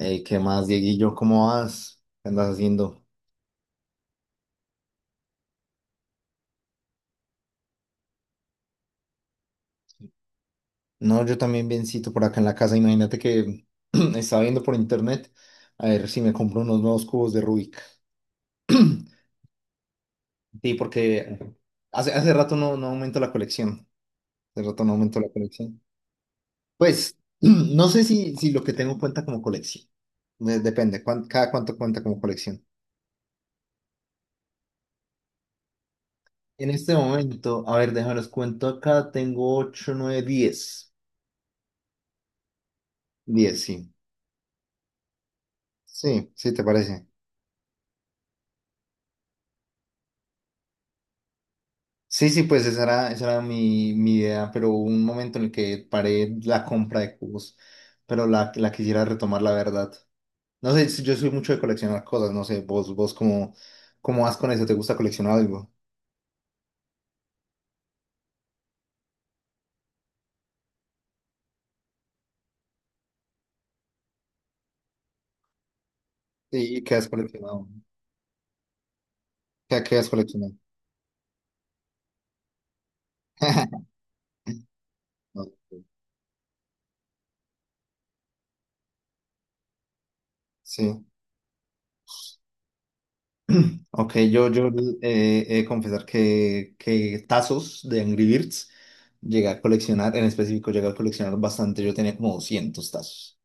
Ey, ¿qué más, Dieguillo? ¿Cómo vas? ¿Qué andas haciendo? No, yo también biencito por acá en la casa. Imagínate que estaba viendo por internet a ver si me compro unos nuevos cubos de Rubik. Sí, porque hace rato no aumento la colección. Hace rato no aumento la colección. Pues, no sé si lo que tengo cuenta como colección. Depende, cada cuánto cuenta como colección. En este momento, a ver, déjame los cuento acá. Tengo ocho, nueve, diez. Diez, sí. Sí, sí, ¿te parece? Sí, sí, pues esa era mi idea, pero hubo un momento en el que paré la compra de cubos, pero la quisiera retomar, la verdad. No sé, yo soy mucho de coleccionar cosas, no sé, vos cómo vas con eso, ¿te gusta coleccionar algo? ¿Y qué has coleccionado? ¿Qué has coleccionado? Ok. Sí, ok, yo he de confesar que tazos de Angry Birds llegué a coleccionar, en específico llegué a coleccionar bastante, yo tenía como 200 tazos.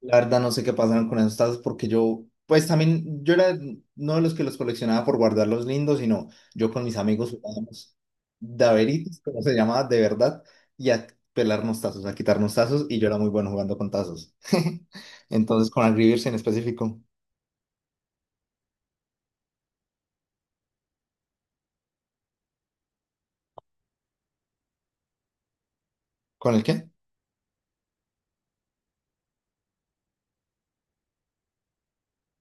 La verdad no sé qué pasaron con esos tazos porque yo, pues también, yo era no de los que los coleccionaba por guardarlos lindos, sino yo con mis amigos jugábamos daveritos, como se llamaba de verdad, y a pelarnos tazos, a quitarnos tazos, y yo era muy bueno jugando con tazos. Entonces, con Angry Birds en específico. ¿Con el qué?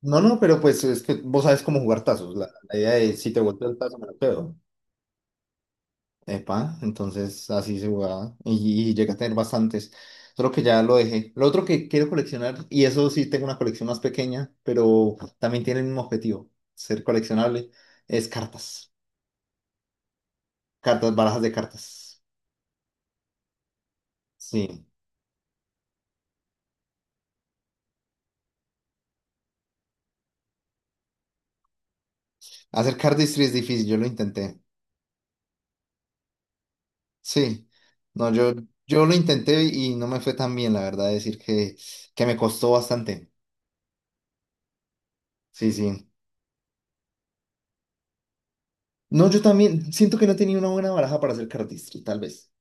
No, no, pero pues es que vos sabes cómo jugar tazos. La idea de si te vuelto el tazo me lo quedo. Epa, entonces así se jugaba y llegué a tener bastantes, solo que ya lo dejé. Lo otro que quiero coleccionar, y eso sí tengo una colección más pequeña, pero también tiene el mismo objetivo, ser coleccionable, es cartas, cartas, barajas de cartas. Sí, hacer cardistry es difícil, yo lo intenté. Sí, no, yo lo intenté y no me fue tan bien, la verdad, decir que, me costó bastante. Sí, sí. No, yo también siento que no tenía una buena baraja para hacer cardistry, tal vez.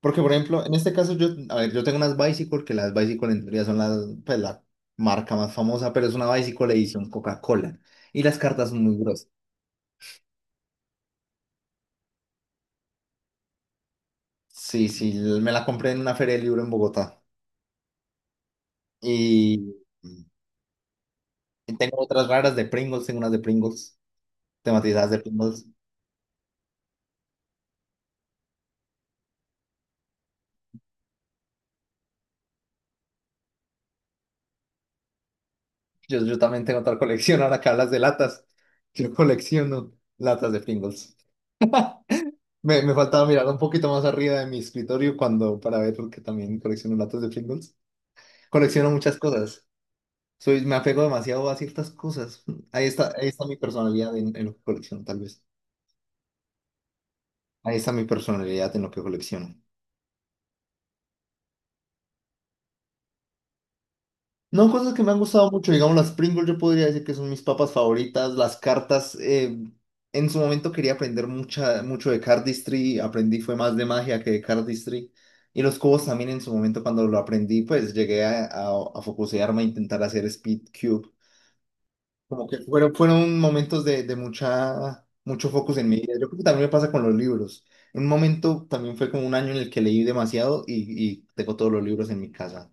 Porque, por ejemplo, en este caso yo, a ver, yo tengo unas Bicycle, que las Bicycle en teoría son las, pues, la marca más famosa, pero es una Bicycle edición Coca-Cola. Y las cartas son muy gruesas. Sí, sí, me la compré en una feria de libro en Bogotá. Y tengo otras raras de Pringles, tengo unas de Pringles, tematizadas de Pringles. Yo también tengo otra colección, ahora que hablas de latas. Yo colecciono latas de Pringles. Me faltaba mirar un poquito más arriba de mi escritorio cuando, para ver, porque también colecciono latas de Pringles. Colecciono muchas cosas. Me apego demasiado a ciertas cosas. Ahí está mi personalidad en, lo que colecciono, tal vez. Ahí está mi personalidad en lo que colecciono. No, cosas que me han gustado mucho, digamos las Pringles, yo podría decir que son mis papas favoritas, las cartas, en su momento quería aprender mucho de cardistry, aprendí fue más de magia que de cardistry, y los cubos también en su momento cuando lo aprendí, pues llegué a focusearme a intentar hacer speed cube, Como que fueron momentos de mucho focus en mi vida. Yo creo que también me pasa con los libros. En un momento también fue como un año en el que leí demasiado y tengo todos los libros en mi casa.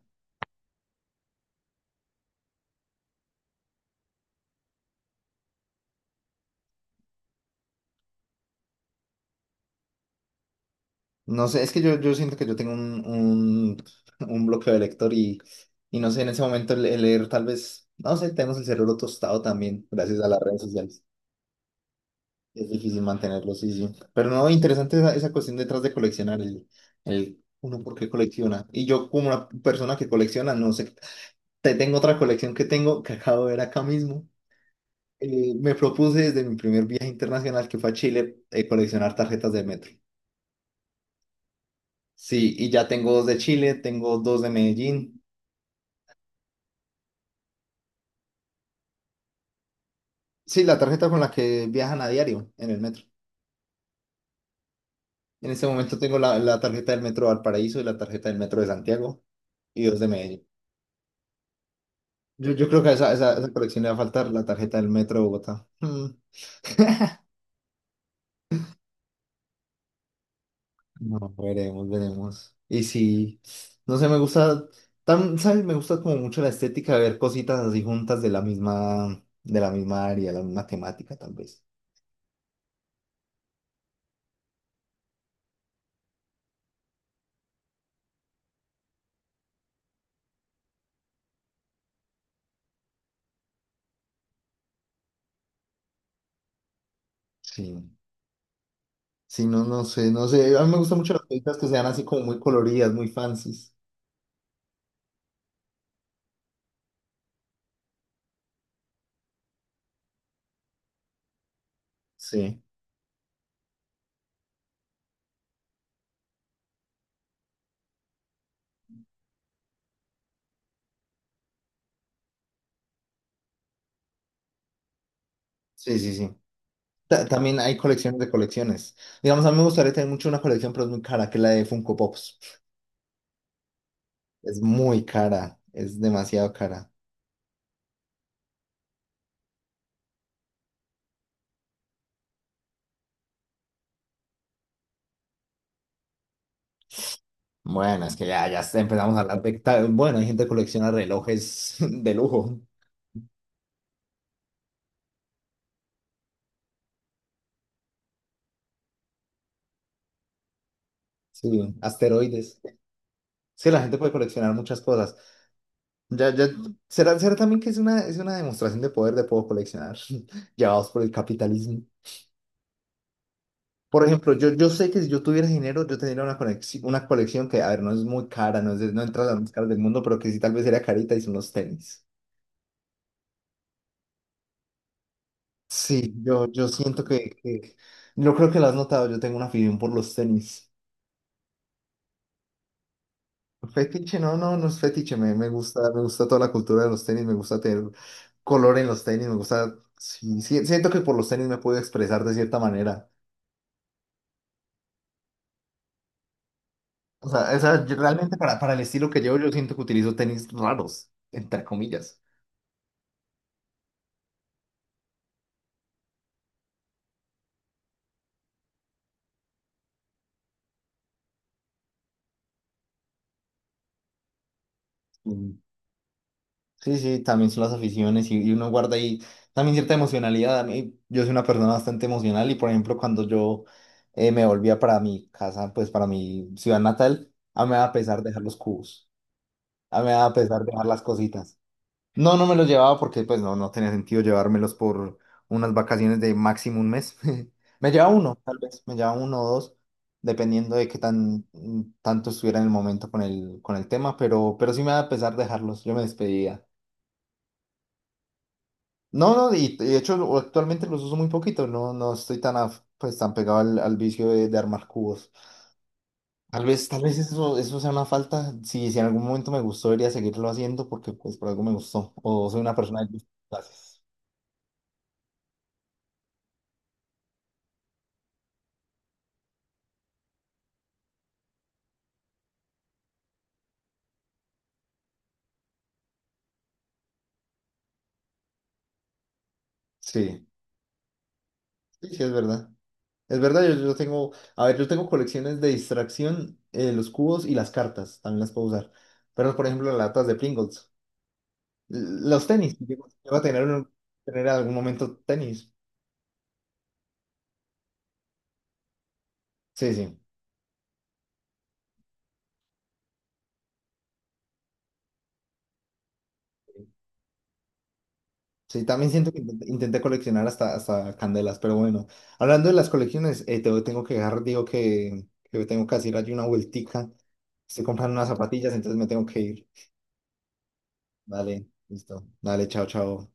No sé, es que yo siento que yo tengo un un bloqueo de lector y, no sé, en ese momento el leer tal vez, no sé, tenemos el cerebro tostado también gracias a las redes sociales. Es difícil mantenerlo, sí, sí. Pero no, interesante esa cuestión detrás de coleccionar el uno por qué colecciona. Y yo como una persona que colecciona, no sé. Te tengo otra colección que tengo que acabo de ver acá mismo. Me propuse desde mi primer viaje internacional que fue a Chile coleccionar tarjetas de metro. Sí, y ya tengo dos de Chile, tengo dos de Medellín. Sí, la tarjeta con la que viajan a diario en el metro. En este momento tengo la tarjeta del metro de Valparaíso y la tarjeta del metro de Santiago y dos de Medellín. Yo creo que a esa colección le va a faltar la tarjeta del metro de Bogotá. Mm. No, veremos, veremos. Y sí, no sé, me gusta, ¿sabes? Me gusta como mucho la estética de ver cositas así juntas de la misma área, la misma temática, tal vez. Sí, sí, no, no sé, no sé. A mí me gustan mucho las cositas que sean así como muy coloridas, muy fancies. Sí, sí, sí, sí. También hay colecciones de colecciones. Digamos, a mí me gustaría tener mucho una colección, pero es muy cara, que es la de Funko Pops. Es muy cara, es demasiado cara. Bueno, es que ya empezamos a hablar de. Bueno, hay gente que colecciona relojes de lujo, sí, asteroides. Es que la gente puede coleccionar muchas cosas. Ya, ya, será también que es una, demostración de poder de puedo coleccionar, llevados por el capitalismo. Por ejemplo, yo sé que si yo tuviera dinero, yo tendría una conexión, una colección que, a ver, no es muy cara, no, no entra a las más caras del mundo, pero que sí tal vez sería carita y son los tenis. Sí, yo siento que... No creo que lo has notado, yo tengo una afición por los tenis. Fetiche, no, no, no es fetiche, me gusta, me gusta toda la cultura de los tenis, me gusta tener color en los tenis, me gusta, sí, sí, siento que por los tenis me puedo expresar de cierta manera. O sea, yo realmente para el estilo que llevo, yo siento que utilizo tenis raros, entre comillas. Mm. Sí, sí, también son las aficiones y uno guarda ahí también cierta emocionalidad. A mí, yo soy una persona bastante emocional y, por ejemplo, cuando yo me volvía para mi casa, pues para mi ciudad natal, a mí me daba pesar dejar los cubos, a mí me daba pesar dejar las cositas. No, no me los llevaba porque pues no tenía sentido llevármelos por unas vacaciones de máximo un mes. Me llevaba uno, tal vez, me llevaba uno o dos, dependiendo de qué tan tanto estuviera en el momento con el tema, pero sí me da pesar dejarlos, yo me despedía. No, no, y de hecho actualmente los uso muy poquito, no estoy tan, pues, tan pegado al vicio de armar cubos. Tal vez eso sea una falta, si en algún momento me gustó, debería seguirlo haciendo porque pues por algo me gustó, o soy una persona de gustos. Sí. Sí, sí, es verdad. Es verdad, yo tengo, a ver, yo tengo colecciones de distracción, los cubos y las cartas, también las puedo usar. Pero, por ejemplo, las latas de Pringles. Los tenis, yo voy a tener, tener en algún momento tenis. Sí, sí. Sí, también siento que intenté coleccionar hasta candelas, pero bueno. Hablando de las colecciones, tengo que dejar, digo que tengo que hacer allí una vueltica. Estoy comprando unas zapatillas, entonces me tengo que ir. Dale, listo. Dale, chao, chao.